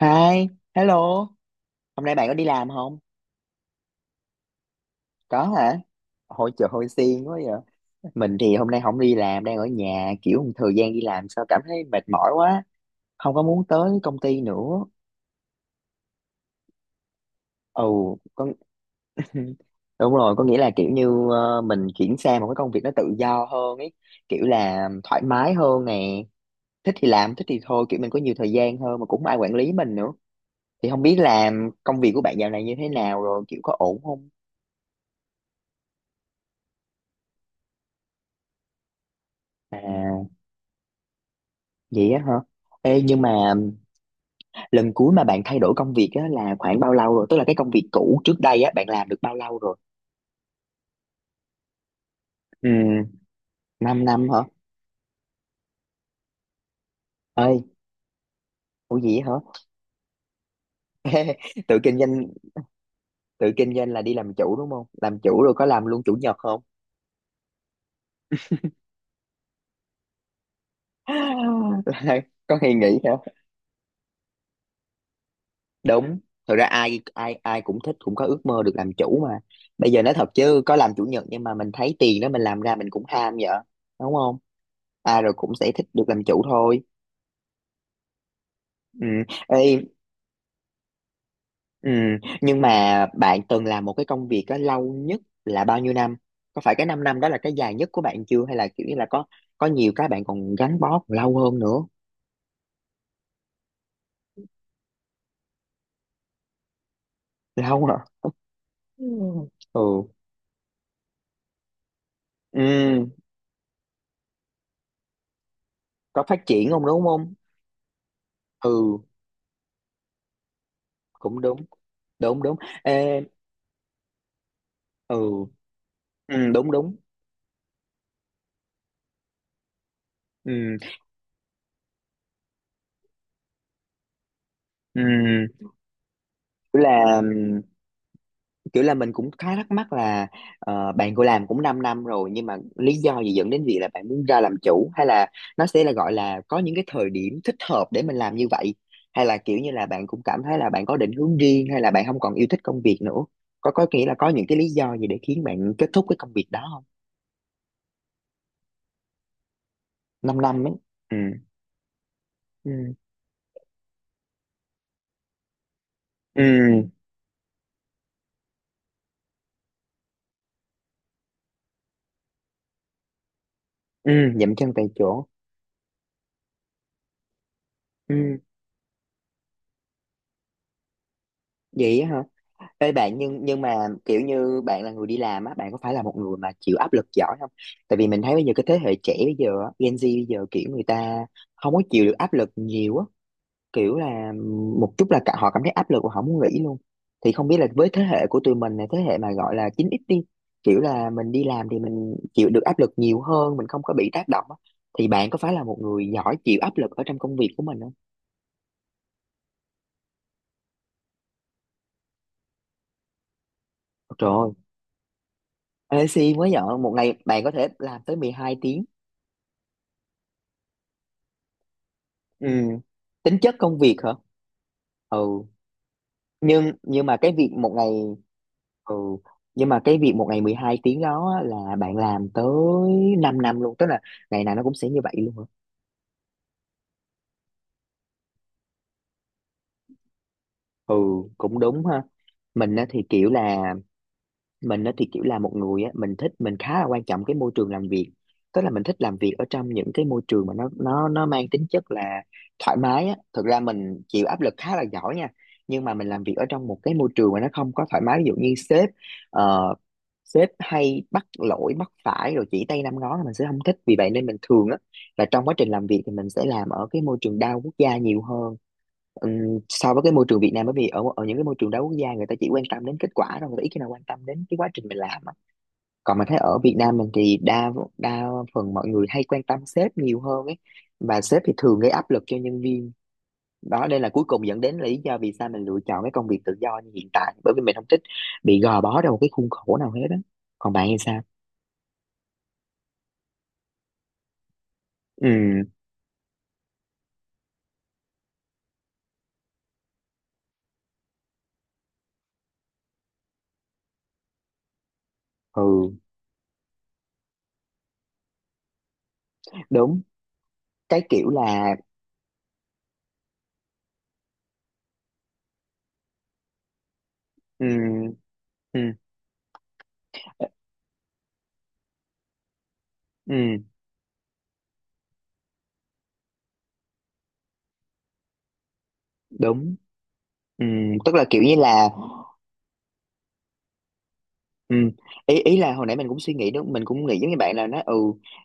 Hi, hello. Hôm nay bạn có đi làm không? Có hả? Hồi trời hồi xiên quá vậy. Mình thì hôm nay không đi làm, đang ở nhà. Kiểu thời gian đi làm sao cảm thấy mệt mỏi quá. Không có muốn tới công ty nữa. Ồ, Đúng rồi, có nghĩa là kiểu như mình chuyển sang một cái công việc nó tự do hơn ấy. Kiểu là thoải mái hơn nè. Thích thì làm, thích thì thôi. Kiểu mình có nhiều thời gian hơn mà cũng không ai quản lý mình nữa. Thì không biết làm công việc của bạn dạo này như thế nào rồi, kiểu có ổn không? À, vậy á hả? Ê, nhưng mà lần cuối mà bạn thay đổi công việc á là khoảng bao lâu rồi, tức là cái công việc cũ trước đây á bạn làm được bao lâu rồi? Ừ, 5 năm hả? Ơi, ủa gì? Vậy hả? Tự kinh doanh. Tự kinh doanh là đi làm chủ đúng không? Làm chủ rồi có làm luôn chủ nhật không? Là có ngày nghỉ hả? Đúng, thật ra ai ai ai cũng thích, cũng có ước mơ được làm chủ mà. Bây giờ nói thật chứ có làm chủ nhật nhưng mà mình thấy tiền đó mình làm ra mình cũng ham vậy, đúng không? Ai rồi cũng sẽ thích được làm chủ thôi. Ừ. Ê, ừ, nhưng mà bạn từng làm một cái công việc đó lâu nhất là bao nhiêu năm? Có phải cái 5 năm năm đó là cái dài nhất của bạn chưa, hay là kiểu như là có nhiều cái bạn còn gắn bó còn lâu hơn nữa? Lâu hả? Ừ. Ừ. Ừ, có phát triển không đúng không? Ừ, cũng đúng. Đúng đúng. Ê, ừ, ừ đúng đúng. Ừ, ừ. Là kiểu là mình cũng khá thắc mắc là bạn cô làm cũng 5 năm năm rồi nhưng mà lý do gì dẫn đến việc là bạn muốn ra làm chủ, hay là nó sẽ là gọi là có những cái thời điểm thích hợp để mình làm như vậy, hay là kiểu như là bạn cũng cảm thấy là bạn có định hướng riêng hay là bạn không còn yêu thích công việc nữa? Có nghĩa là có những cái lý do gì để khiến bạn kết thúc cái công việc đó không? 5 năm năm ấy. Ừ ừ ừ ừ. Dậm chân tại chỗ. Ừ. Vậy á hả? Ê bạn, nhưng mà kiểu như bạn là người đi làm á, bạn có phải là một người mà chịu áp lực giỏi không? Tại vì mình thấy bây giờ cái thế hệ trẻ bây giờ, á, Gen Z bây giờ kiểu người ta không có chịu được áp lực nhiều á, kiểu là một chút là cả họ cảm thấy áp lực và họ muốn nghỉ luôn. Thì không biết là với thế hệ của tụi mình này, thế hệ mà gọi là 9X đi, kiểu là mình đi làm thì mình chịu được áp lực nhiều hơn, mình không có bị tác động á. Thì bạn có phải là một người giỏi chịu áp lực ở trong công việc của mình không? Trời ơi, ê, si mới giỏi, một ngày bạn có thể làm tới 12. Ừ. Tính chất công việc hả? Ừ, nhưng mà cái việc một ngày... Ừ, nhưng mà cái việc một ngày 12 tiếng đó á, là bạn làm tới 5 năm luôn, tức là ngày nào nó cũng sẽ như vậy luôn hả? Ừ, cũng đúng ha. mình á thì kiểu là mình á thì kiểu là một người á, mình thích, mình khá là quan trọng cái môi trường làm việc, tức là mình thích làm việc ở trong những cái môi trường mà nó mang tính chất là thoải mái á, thực ra mình chịu áp lực khá là giỏi nha. Nhưng mà mình làm việc ở trong một cái môi trường mà nó không có thoải mái, ví dụ như sếp, ờ, sếp hay bắt lỗi bắt phải rồi chỉ tay năm ngón là mình sẽ không thích. Vì vậy nên mình thường á là trong quá trình làm việc thì mình sẽ làm ở cái môi trường đa quốc gia nhiều hơn. So với cái môi trường Việt Nam, bởi vì ở ở những cái môi trường đa quốc gia người ta chỉ quan tâm đến kết quả thôi, người ta ít khi nào quan tâm đến cái quá trình mình làm á. Còn mình thấy ở Việt Nam mình thì đa đa phần mọi người hay quan tâm sếp nhiều hơn ấy, và sếp thì thường gây áp lực cho nhân viên. Đó, đây là cuối cùng dẫn đến lý do vì sao mình lựa chọn cái công việc tự do như hiện tại, bởi vì mình không thích bị gò bó trong một cái khuôn khổ nào hết á. Còn bạn thì sao? Ừ ừ đúng. Cái kiểu là ừ ừ ừ đúng ừ, tức là kiểu như là... Ừ. Ý, ý là hồi nãy mình cũng suy nghĩ đúng, mình cũng nghĩ giống như bạn là nó ừ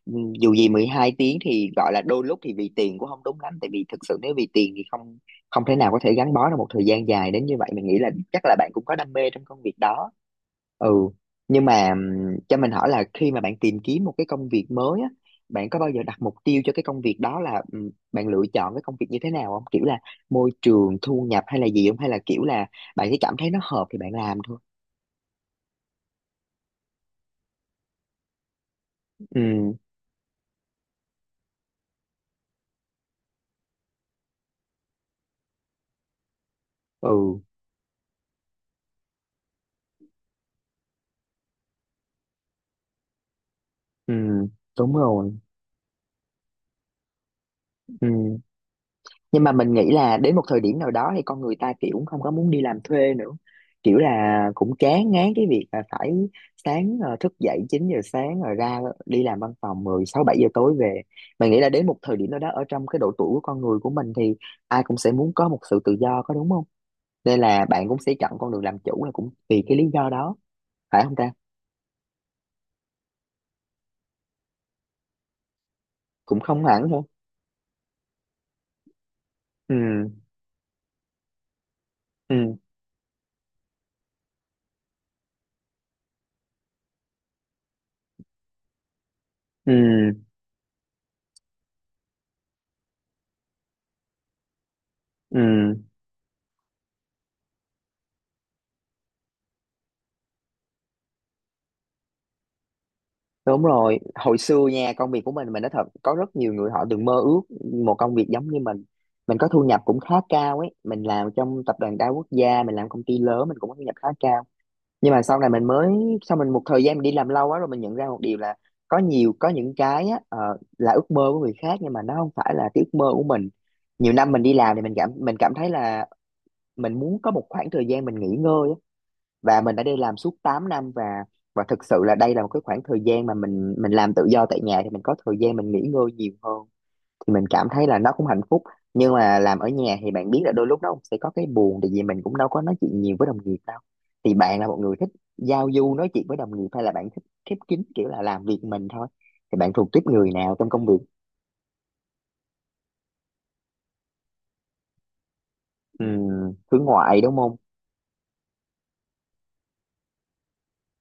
ừ, dù gì 12 tiếng thì gọi là đôi lúc thì vì tiền cũng không đúng lắm, tại vì thực sự nếu vì tiền thì không không thể nào có thể gắn bó được một thời gian dài đến như vậy. Mình nghĩ là chắc là bạn cũng có đam mê trong công việc đó. Ừ, nhưng mà cho mình hỏi là khi mà bạn tìm kiếm một cái công việc mới á, bạn có bao giờ đặt mục tiêu cho cái công việc đó là bạn lựa chọn cái công việc như thế nào không, kiểu là môi trường, thu nhập, hay là gì không, hay là kiểu là bạn chỉ cảm thấy nó hợp thì bạn làm thôi? Ừ, ừ, Ừ, đúng rồi. Ừ. Nhưng mà mình nghĩ là đến một thời điểm nào đó thì con người ta kiểu không có muốn đi làm thuê nữa. Kiểu là cũng chán ngán cái việc là phải sáng thức dậy 9 giờ sáng rồi ra đi làm văn phòng 10 6 7 giờ tối về. Mình nghĩ là đến một thời điểm nào đó ở trong cái độ tuổi của con người của mình thì ai cũng sẽ muốn có một sự tự do, có đúng không? Nên là bạn cũng sẽ chọn con đường làm chủ là cũng vì cái lý do đó, phải không ta? Cũng không hẳn hả? Ừ, ừ, ừ, ừ. Đúng rồi, hồi xưa nha, công việc của mình nói thật có rất nhiều người họ từng mơ ước một công việc giống như mình. Mình có thu nhập cũng khá cao ấy, mình làm trong tập đoàn đa quốc gia, mình làm công ty lớn, mình cũng có thu nhập khá cao. Nhưng mà sau này mình mới, sau mình một thời gian mình đi làm lâu quá rồi, mình nhận ra một điều là có những cái á là ước mơ của người khác nhưng mà nó không phải là cái ước mơ của mình. Nhiều năm mình đi làm thì mình cảm thấy là mình muốn có một khoảng thời gian mình nghỉ ngơi á, và mình đã đi làm suốt 8 năm và thực sự là đây là một cái khoảng thời gian mà mình làm tự do tại nhà thì mình có thời gian mình nghỉ ngơi nhiều hơn, thì mình cảm thấy là nó cũng hạnh phúc. Nhưng mà làm ở nhà thì bạn biết là đôi lúc nó cũng sẽ có cái buồn, tại vì mình cũng đâu có nói chuyện nhiều với đồng nghiệp đâu. Thì bạn là một người thích giao du nói chuyện với đồng nghiệp hay là bạn thích khép kín, kiểu là làm việc mình thôi? Thì bạn thuộc tiếp người nào trong công việc? Ừ, hướng ngoại đúng không?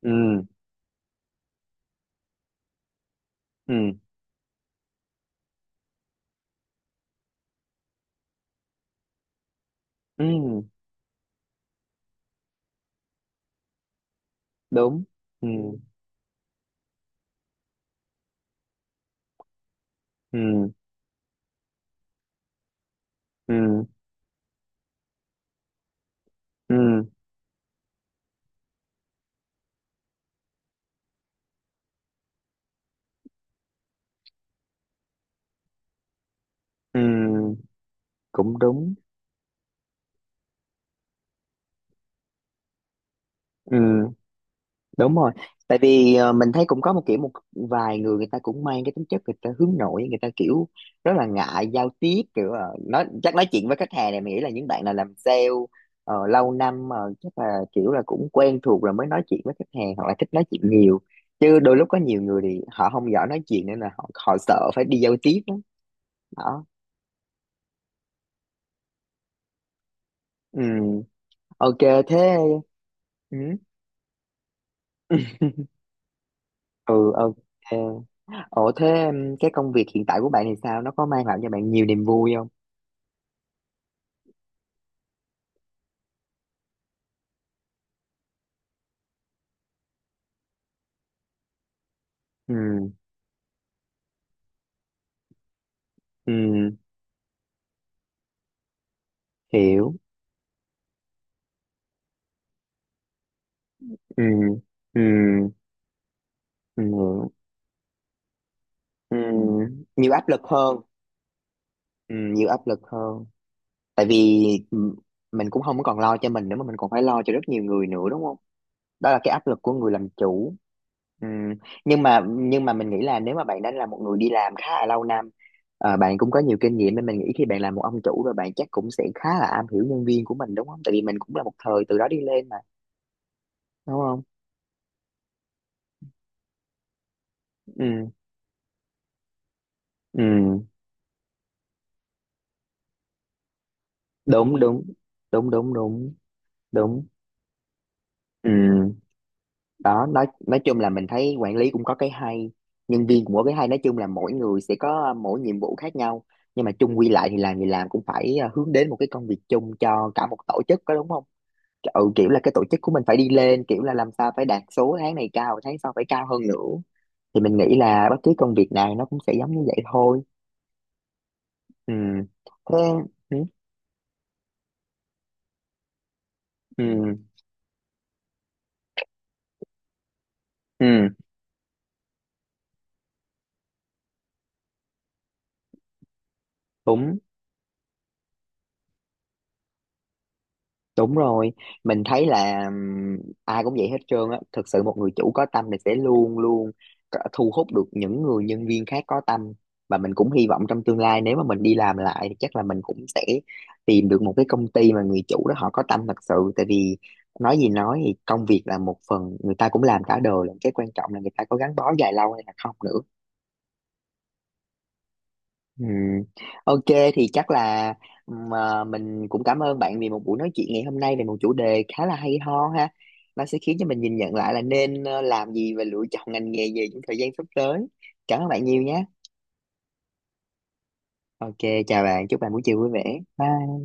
Ừ, ừ, ừ, đúng ừ, ừ, ừ, ừ, ừ, cũng đúng. Ừ, đúng rồi. Tại vì mình thấy cũng có một kiểu một vài người, người ta cũng mang cái tính chất người ta hướng nội, người ta kiểu rất là ngại giao tiếp, kiểu nói chuyện với khách hàng này. Mình nghĩ là những bạn nào làm sale lâu năm chắc là kiểu là cũng quen thuộc rồi mới nói chuyện với khách hàng hoặc là thích nói chuyện nhiều. Chứ đôi lúc có nhiều người thì họ không giỏi nói chuyện nên là họ sợ phải đi giao tiếp lắm. Đó. Ừ. Ok thế. Ừ. Ừ ok. Ủa thế cái công việc hiện tại của bạn thì sao? Nó có mang lại cho bạn nhiều niềm vui không? Ừ, ừ, hiểu. Ừ, ừ, ừ, ừ. Nhiều áp lực hơn. Ừ, nhiều áp lực hơn. Tại vì ừ, mình cũng không còn lo cho mình nữa mà mình còn phải lo cho rất nhiều người nữa đúng không? Đó là cái áp lực của người làm chủ. Ừm, nhưng mà mình nghĩ là nếu mà bạn đã là một người đi làm khá là lâu năm, bạn cũng có nhiều kinh nghiệm, nên mình nghĩ khi bạn là một ông chủ và bạn chắc cũng sẽ khá là am hiểu nhân viên của mình đúng không? Tại vì mình cũng là một thời từ đó đi lên mà, đúng không? Ừ, ừ, đúng đúng đúng đúng đúng đúng. Ừ. Đó, nói chung là mình thấy quản lý cũng có cái hay, nhân viên cũng có cái hay. Nói chung là mỗi người sẽ có mỗi nhiệm vụ khác nhau, nhưng mà chung quy lại thì làm gì làm cũng phải hướng đến một cái công việc chung cho cả một tổ chức, có đúng không? Ừ, kiểu là cái tổ chức của mình phải đi lên, kiểu là làm sao phải đạt số tháng này cao, tháng sau phải cao hơn nữa. Thì mình nghĩ là bất cứ công việc nào nó cũng sẽ giống như vậy thôi. Ừ. Thế. Ừ, ừ, ừ. Đúng. Đúng rồi, mình thấy là ai cũng vậy hết trơn á. Thực sự một người chủ có tâm thì sẽ luôn luôn thu hút được những người nhân viên khác có tâm. Và mình cũng hy vọng trong tương lai nếu mà mình đi làm lại thì chắc là mình cũng sẽ tìm được một cái công ty mà người chủ đó họ có tâm thật sự. Tại vì nói gì nói thì công việc là một phần người ta cũng làm cả đời, là cái quan trọng là người ta có gắn bó dài lâu hay là không nữa. Ừ. Ok, thì chắc là mình cũng cảm ơn bạn vì một buổi nói chuyện ngày hôm nay về một chủ đề khá là hay ho ha. Nó sẽ khiến cho mình nhìn nhận lại là nên làm gì và lựa chọn ngành nghề gì trong thời gian sắp tới. Cảm ơn bạn nhiều nhé. Ok, chào bạn, chúc bạn buổi chiều vui vẻ. Bye.